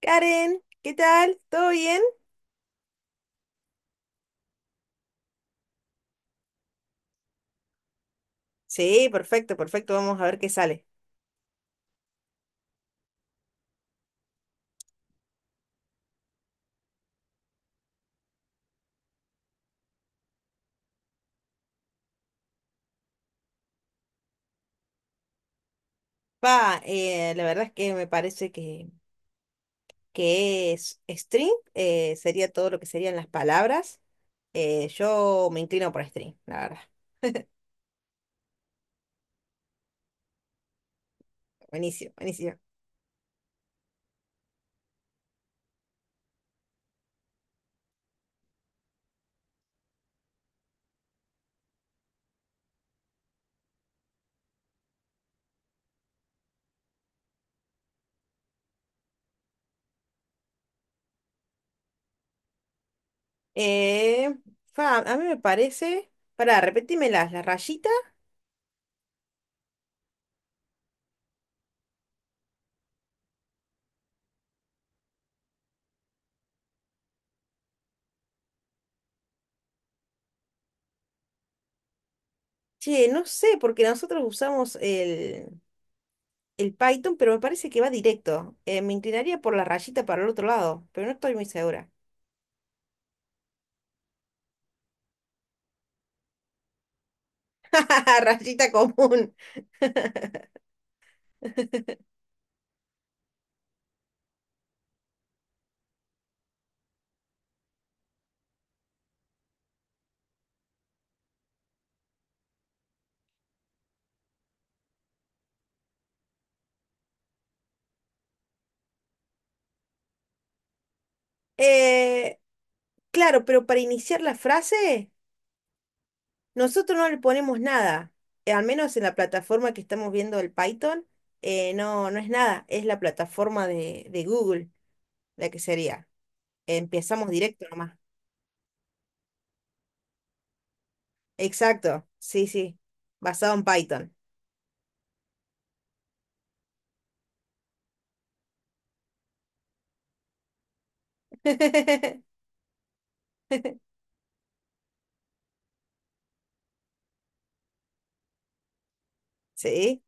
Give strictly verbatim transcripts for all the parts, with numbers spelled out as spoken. Karen, ¿qué tal? ¿Todo bien? Sí, perfecto, perfecto. Vamos a ver qué sale. Pa, eh, la verdad es que me parece que, que es string, eh, sería todo lo que serían las palabras. Eh, yo me inclino por string, la verdad. Buenísimo, buenísimo. Eh, Fa, a mí me parece. Pará, repetime las, las rayitas. Che, no sé, porque nosotros usamos el, el Python, pero me parece que va directo. Eh, me inclinaría por la rayita para el otro lado, pero no estoy muy segura. Rayita común. Eh, claro, pero para iniciar la frase, nosotros no le ponemos nada. Eh, al menos en la plataforma que estamos viendo el Python, eh, no, no es nada. Es la plataforma de, de Google, la que sería. Empezamos directo nomás. Exacto, sí, sí. Basado en Python. Sí.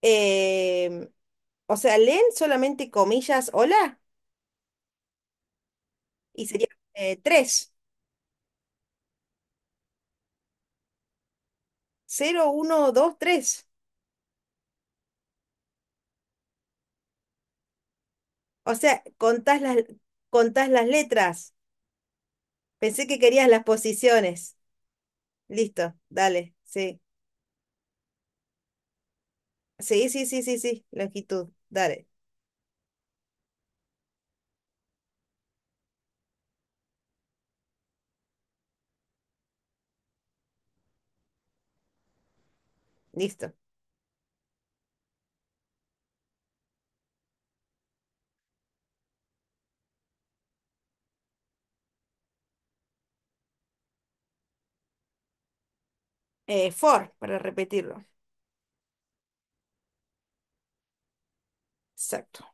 Em, o sea, leen solamente comillas, hola, y sería eh, tres, cero, uno, dos, tres. O sea, contás las, contás las letras. Pensé que querías las posiciones. Listo, dale, sí. Sí, sí, sí, sí, sí, longitud, dale, listo. Eh, for, para repetirlo. Exacto.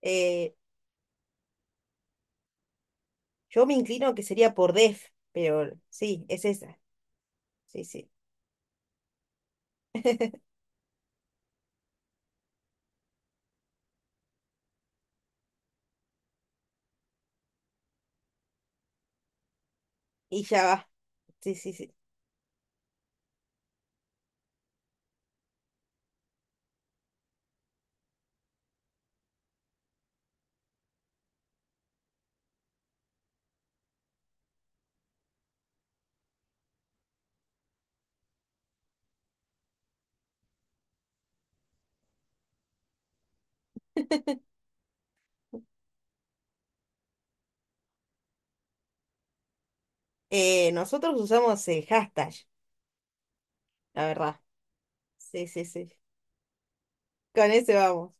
Eh, yo me inclino que sería por def, pero sí, es esa. Sí, sí. Y ya va. Sí, sí, sí. Eh, nosotros usamos el hashtag, la verdad. Sí, sí, sí. Con ese vamos.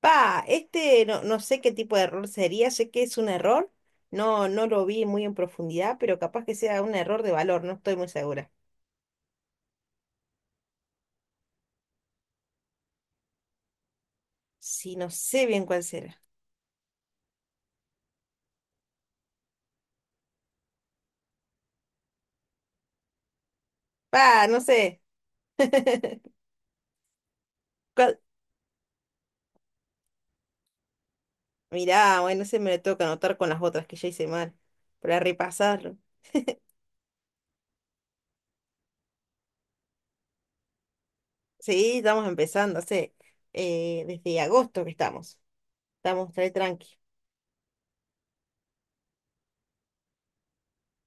Pa, este no, no sé qué tipo de error sería, sé que es un error, no, no lo vi muy en profundidad, pero capaz que sea un error de valor, no estoy muy segura. Sí, no sé bien cuál será. Pa, no sé. ¿Cuál? Mirá, bueno, se me lo tengo que anotar con las otras que ya hice mal, para repasarlo. Sí, estamos empezando, hace eh, desde agosto que estamos. Estamos re tranqui.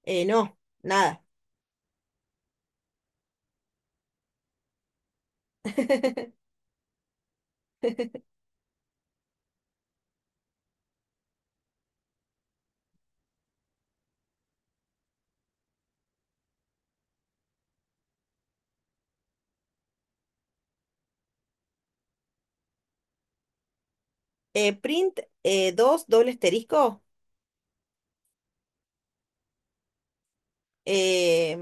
Eh, no, nada. Eh, print eh, dos doble asterisco. eh,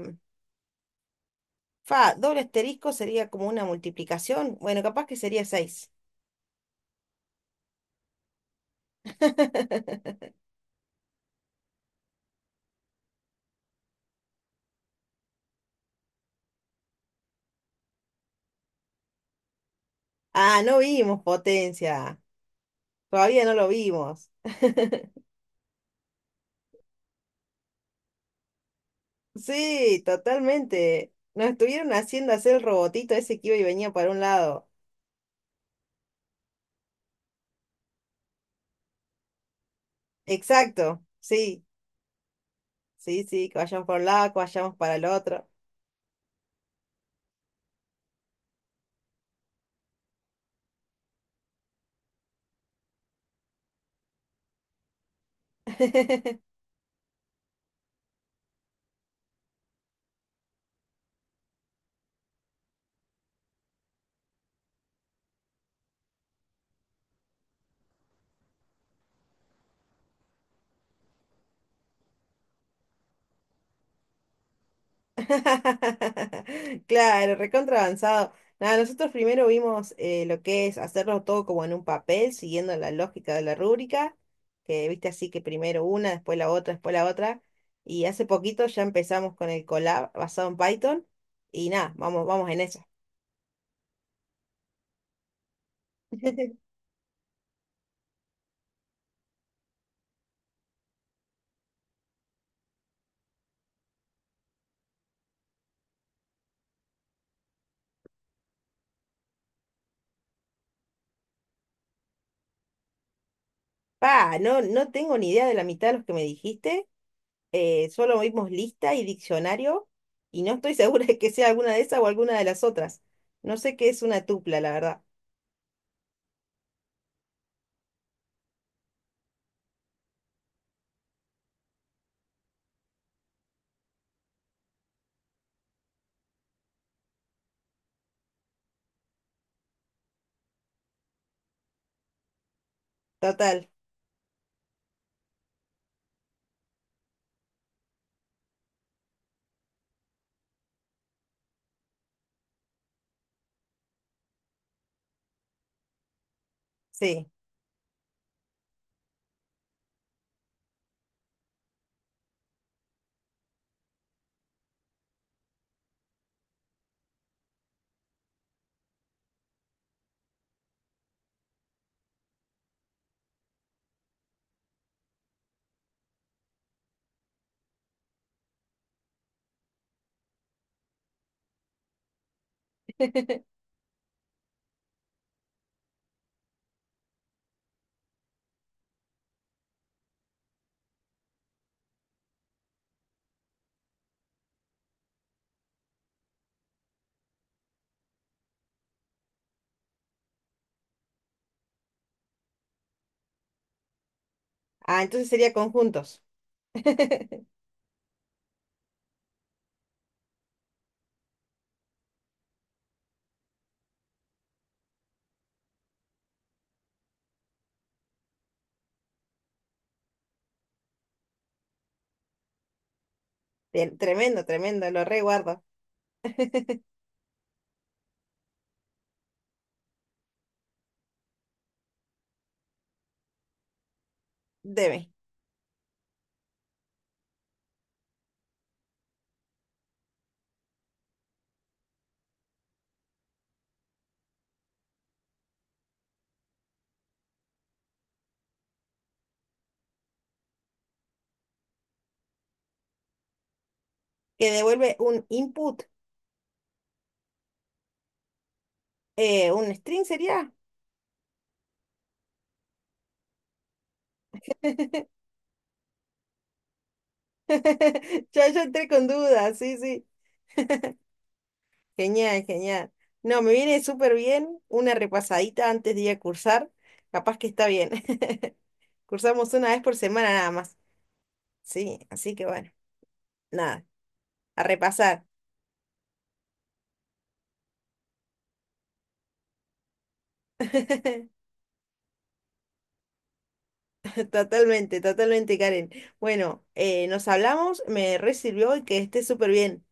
Fa, doble asterisco sería como una multiplicación. Bueno, capaz que sería seis. Ah, no vimos potencia. Todavía no lo vimos. Sí, totalmente. Nos estuvieron haciendo hacer el robotito ese que iba y venía para un lado. Exacto. Sí, sí, sí, que vayamos para un lado, que vayamos para el otro. Claro, recontra avanzado. Nada, nosotros primero vimos eh, lo que es hacerlo todo como en un papel, siguiendo la lógica de la rúbrica, que viste así que primero una, después la otra, después la otra. Y hace poquito ya empezamos con el collab basado en Python. Y nada, vamos, vamos en eso. Pa, no, no tengo ni idea de la mitad de los que me dijiste. Eh, solo vimos lista y diccionario, y no estoy segura de que sea alguna de esas o alguna de las otras. No sé qué es una tupla, la verdad. Total, sí. Ah, entonces sería conjuntos. Te- Tremendo, tremendo, lo reguardo. Deme. Que devuelve un input, eh, un string sería. Ya yo entré con dudas, sí, sí. Genial, genial. No, me viene súper bien una repasadita antes de ir a cursar. Capaz que está bien. Cursamos una vez por semana nada más. Sí, así que bueno, nada, a repasar. Totalmente, totalmente, Karen. Bueno, eh, nos hablamos, me recibió y que esté súper bien.